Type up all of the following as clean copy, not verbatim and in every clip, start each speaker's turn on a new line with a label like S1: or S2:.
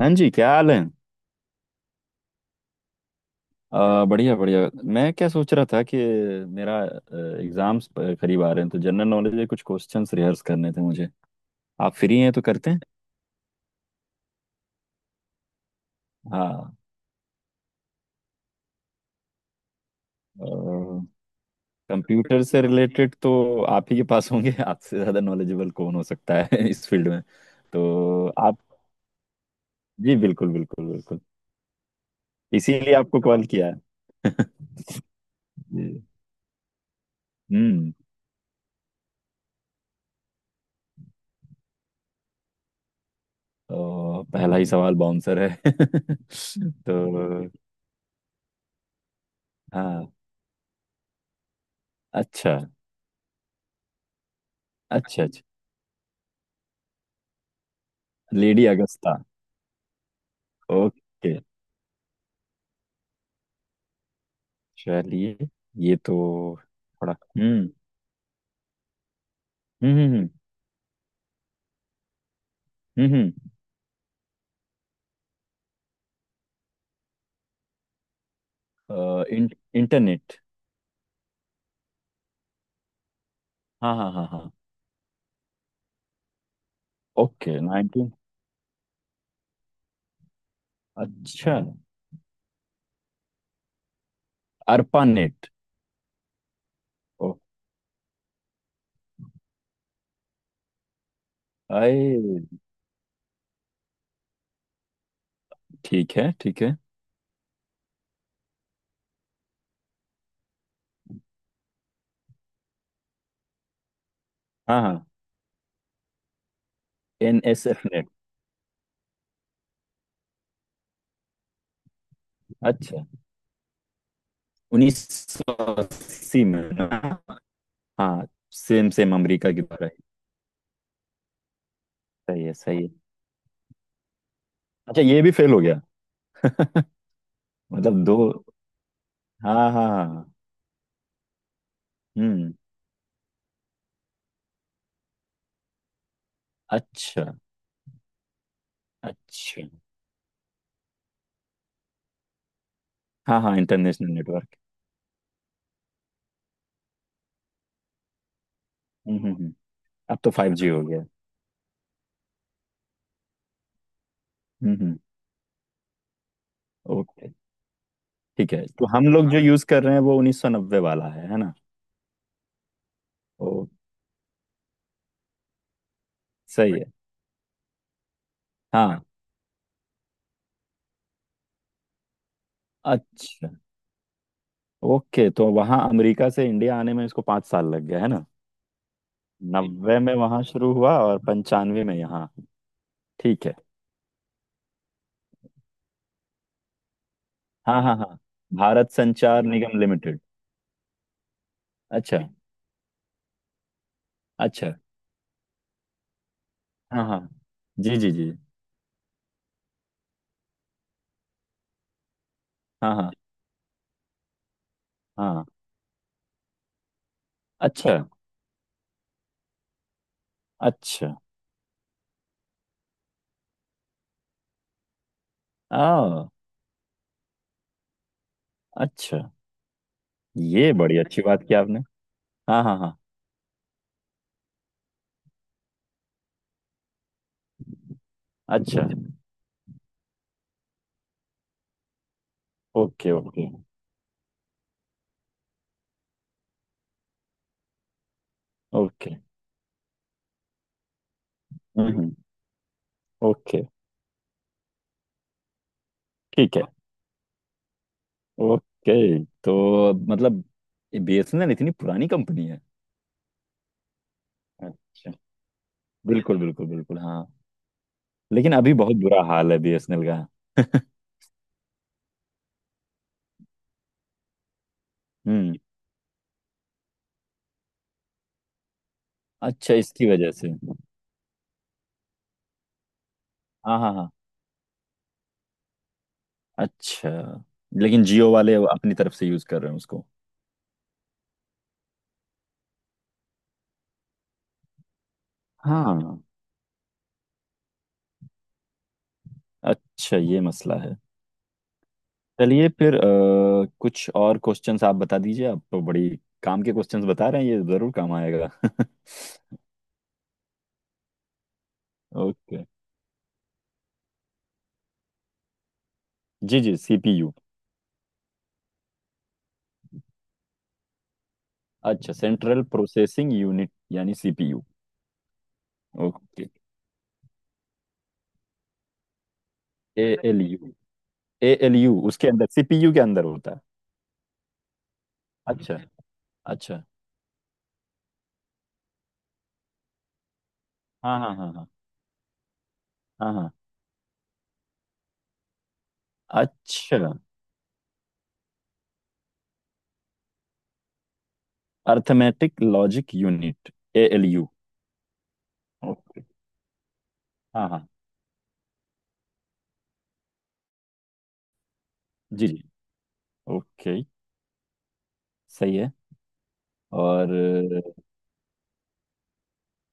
S1: हाँ जी, क्या हाल है? बढ़िया बढ़िया। मैं क्या सोच रहा था कि मेरा एग्जाम्स करीब आ रहे हैं, तो जनरल नॉलेज के कुछ क्वेश्चंस रिहर्स करने थे मुझे। आप फ्री हैं तो करते हैं। हाँ। कंप्यूटर से रिलेटेड तो आप ही के पास होंगे। आपसे ज़्यादा नॉलेजेबल कौन हो सकता है इस फील्ड में। तो आप। जी, बिल्कुल बिल्कुल बिल्कुल। इसीलिए आपको कॉल किया है। जी। हम्म। तो पहला ही सवाल बाउंसर है तो। हाँ, अच्छा अच्छा अच्छा। Lady Augusta. ओके, चलिए। ये तो। थोड़ा। हम्म, हम्म, हम्म, हम्म, हम्म। अ, इं, इंटरनेट। हाँ हाँ हाँ हाँ। Okay, nineteen. अच्छा। ARPANET। ओ। आए। ठीक है ठीक है। हाँ हाँ। NSFNET। अच्छा। 1980 में ना? हाँ। सेम सेम, अमेरिका की तरह ही। सही है सही है। अच्छा, ये भी फेल हो गया। मतलब दो। हाँ हाँ हाँ हाँ। हम्म। अच्छा अच्छा। हाँ हाँ, इंटरनेशनल नेटवर्क। हम्म, हम्म, अब तो 5G हो गया है। हम्म। ओके, ठीक है। तो हम लोग जो यूज कर रहे हैं वो 1990 वाला है ना? ओ। सही है। हाँ। अच्छा, ओके। तो वहाँ अमेरिका से इंडिया आने में इसको 5 साल लग गया, है ना? नब्बे में वहाँ शुरू हुआ और 95 में यहाँ। ठीक है। हाँ हाँ हाँ। भारत संचार निगम लिमिटेड। अच्छा अच्छा। हाँ हाँ। जी जी जी। हाँ हाँ हाँ। अच्छा अच्छा। आ अच्छा, ये बड़ी अच्छी बात की आपने। हाँ हाँ हाँ। अच्छा। Okay okay okay. हम्म। ओके, ठीक है। ओके, तो मतलब बीएसएनएल इतनी पुरानी कंपनी है। अच्छा। बिल्कुल बिल्कुल बिल्कुल, हाँ। लेकिन अभी बहुत बुरा हाल है बीएसएनएल का। हम्म। अच्छा, इसकी वजह से। हाँ हाँ हाँ। अच्छा। लेकिन जियो वाले अपनी तरफ से यूज कर रहे हैं उसको। हाँ। अच्छा, ये मसला है। चलिए फिर, कुछ और क्वेश्चंस आप बता दीजिए। आप तो बड़ी काम के क्वेश्चंस बता रहे हैं, ये जरूर काम आएगा ओके। जी जी, सीपीयू। अच्छा, सेंट्रल प्रोसेसिंग यूनिट यानी सीपीयू। Okay, ALU. एएलयू उसके अंदर, सीपीयू के अंदर होता है? अच्छा। अच्छा। हाँ हाँ हाँ हाँ। हाँ हाँ। अच्छा, arithmetic logic unit, ALU. Okay. हाँ हाँ, जी जी। ओके, सही है। और।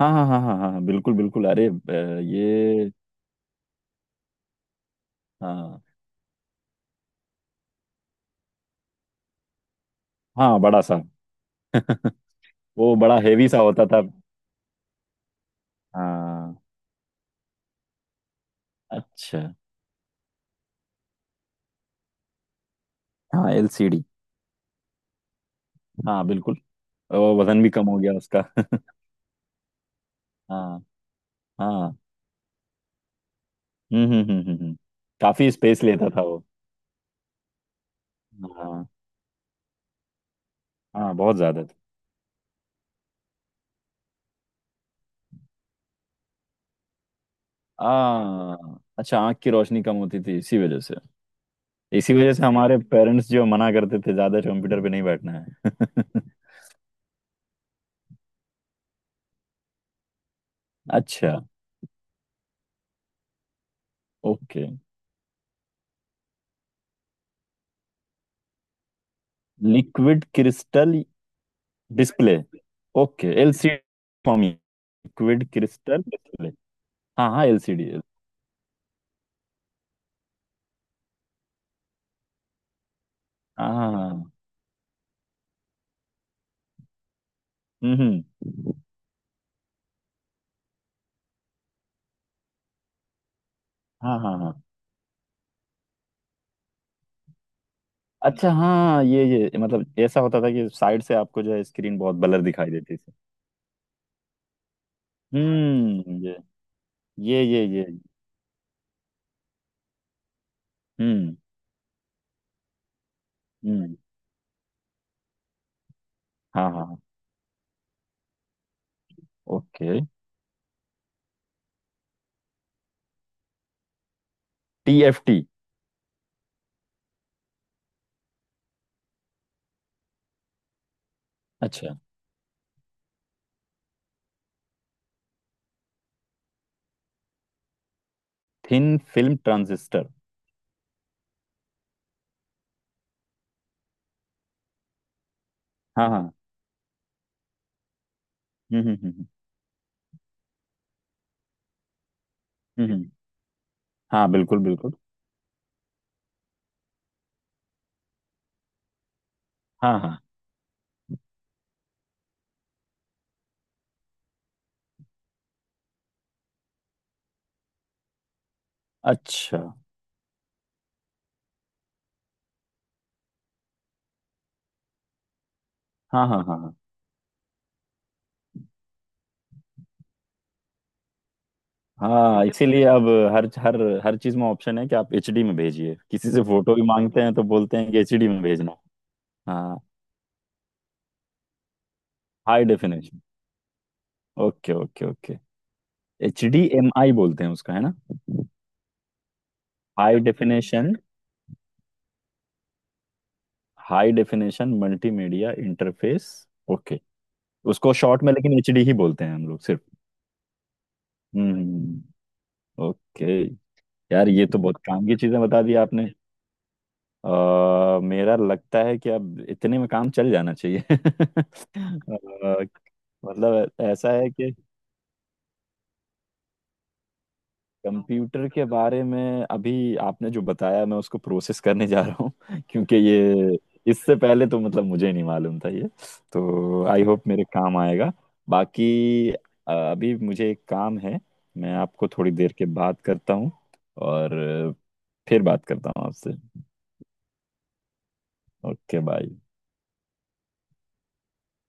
S1: हाँ हाँ हाँ हाँ हाँ, बिल्कुल बिल्कुल। अरे ये। हाँ हाँ, बड़ा सा। वो बड़ा हेवी सा होता था। हाँ। अच्छा। हाँ, एलसीडी। हाँ बिल्कुल। और वजन भी कम हो गया उसका हाँ हाँ। हम्म, हम्म, हम्म, हम्म, काफी स्पेस लेता था वो। हाँ हाँ, बहुत ज्यादा था। हाँ, अच्छा, आंख की रोशनी कम होती थी इसी वजह से। इसी वजह से हमारे पेरेंट्स जो मना करते थे, ज्यादा कंप्यूटर पे नहीं बैठना है। अच्छा। Okay, liquid crystal display. Okay, LCD form, liquid crystal display. हाँ हाँ, एलसीडी। हाँ हाँ हाँ हाँ। हम्म, हम्म। हाँ हाँ हाँ। अच्छा हाँ, ये मतलब ऐसा होता था कि साइड से आपको जो है स्क्रीन बहुत ब्लर दिखाई देती थी। हम्म। ये। हम्म हम्म। हाँ हाँ हाँ, ओके। टीएफटी। अच्छा, थिन फिल्म ट्रांजिस्टर। हाँ हाँ। हम्म, हम्म, हम्म, हम्म। हाँ बिल्कुल बिल्कुल। हाँ हाँ। अच्छा। हाँ हाँ हाँ हाँ, इसीलिए अब हर हर हर चीज में ऑप्शन है कि आप एचडी में भेजिए, किसी से फोटो भी मांगते हैं तो बोलते हैं कि एचडी में भेजना। हाँ, high definition. Okay okay okay. H D M I बोलते हैं उसका, है ना? High definition. High definition multimedia interface. Okay. उसको शॉर्ट में लेकिन एचडी ही बोलते हैं हम लोग, सिर्फ। हम्म। ओके। यार, ये तो बहुत काम की चीजें बता दी आपने। मेरा लगता है कि अब इतने में काम चल जाना चाहिए अ, मतलब ऐसा है कि कंप्यूटर के बारे में अभी आपने जो बताया मैं उसको प्रोसेस करने जा रहा हूँ क्योंकि ये इससे पहले तो मतलब मुझे नहीं मालूम था ये। तो आई होप मेरे काम आएगा। बाकी अभी मुझे एक काम है। मैं आपको थोड़ी देर के बात करता हूँ। और अ, फिर बात करता हूँ आपसे। Okay, bye.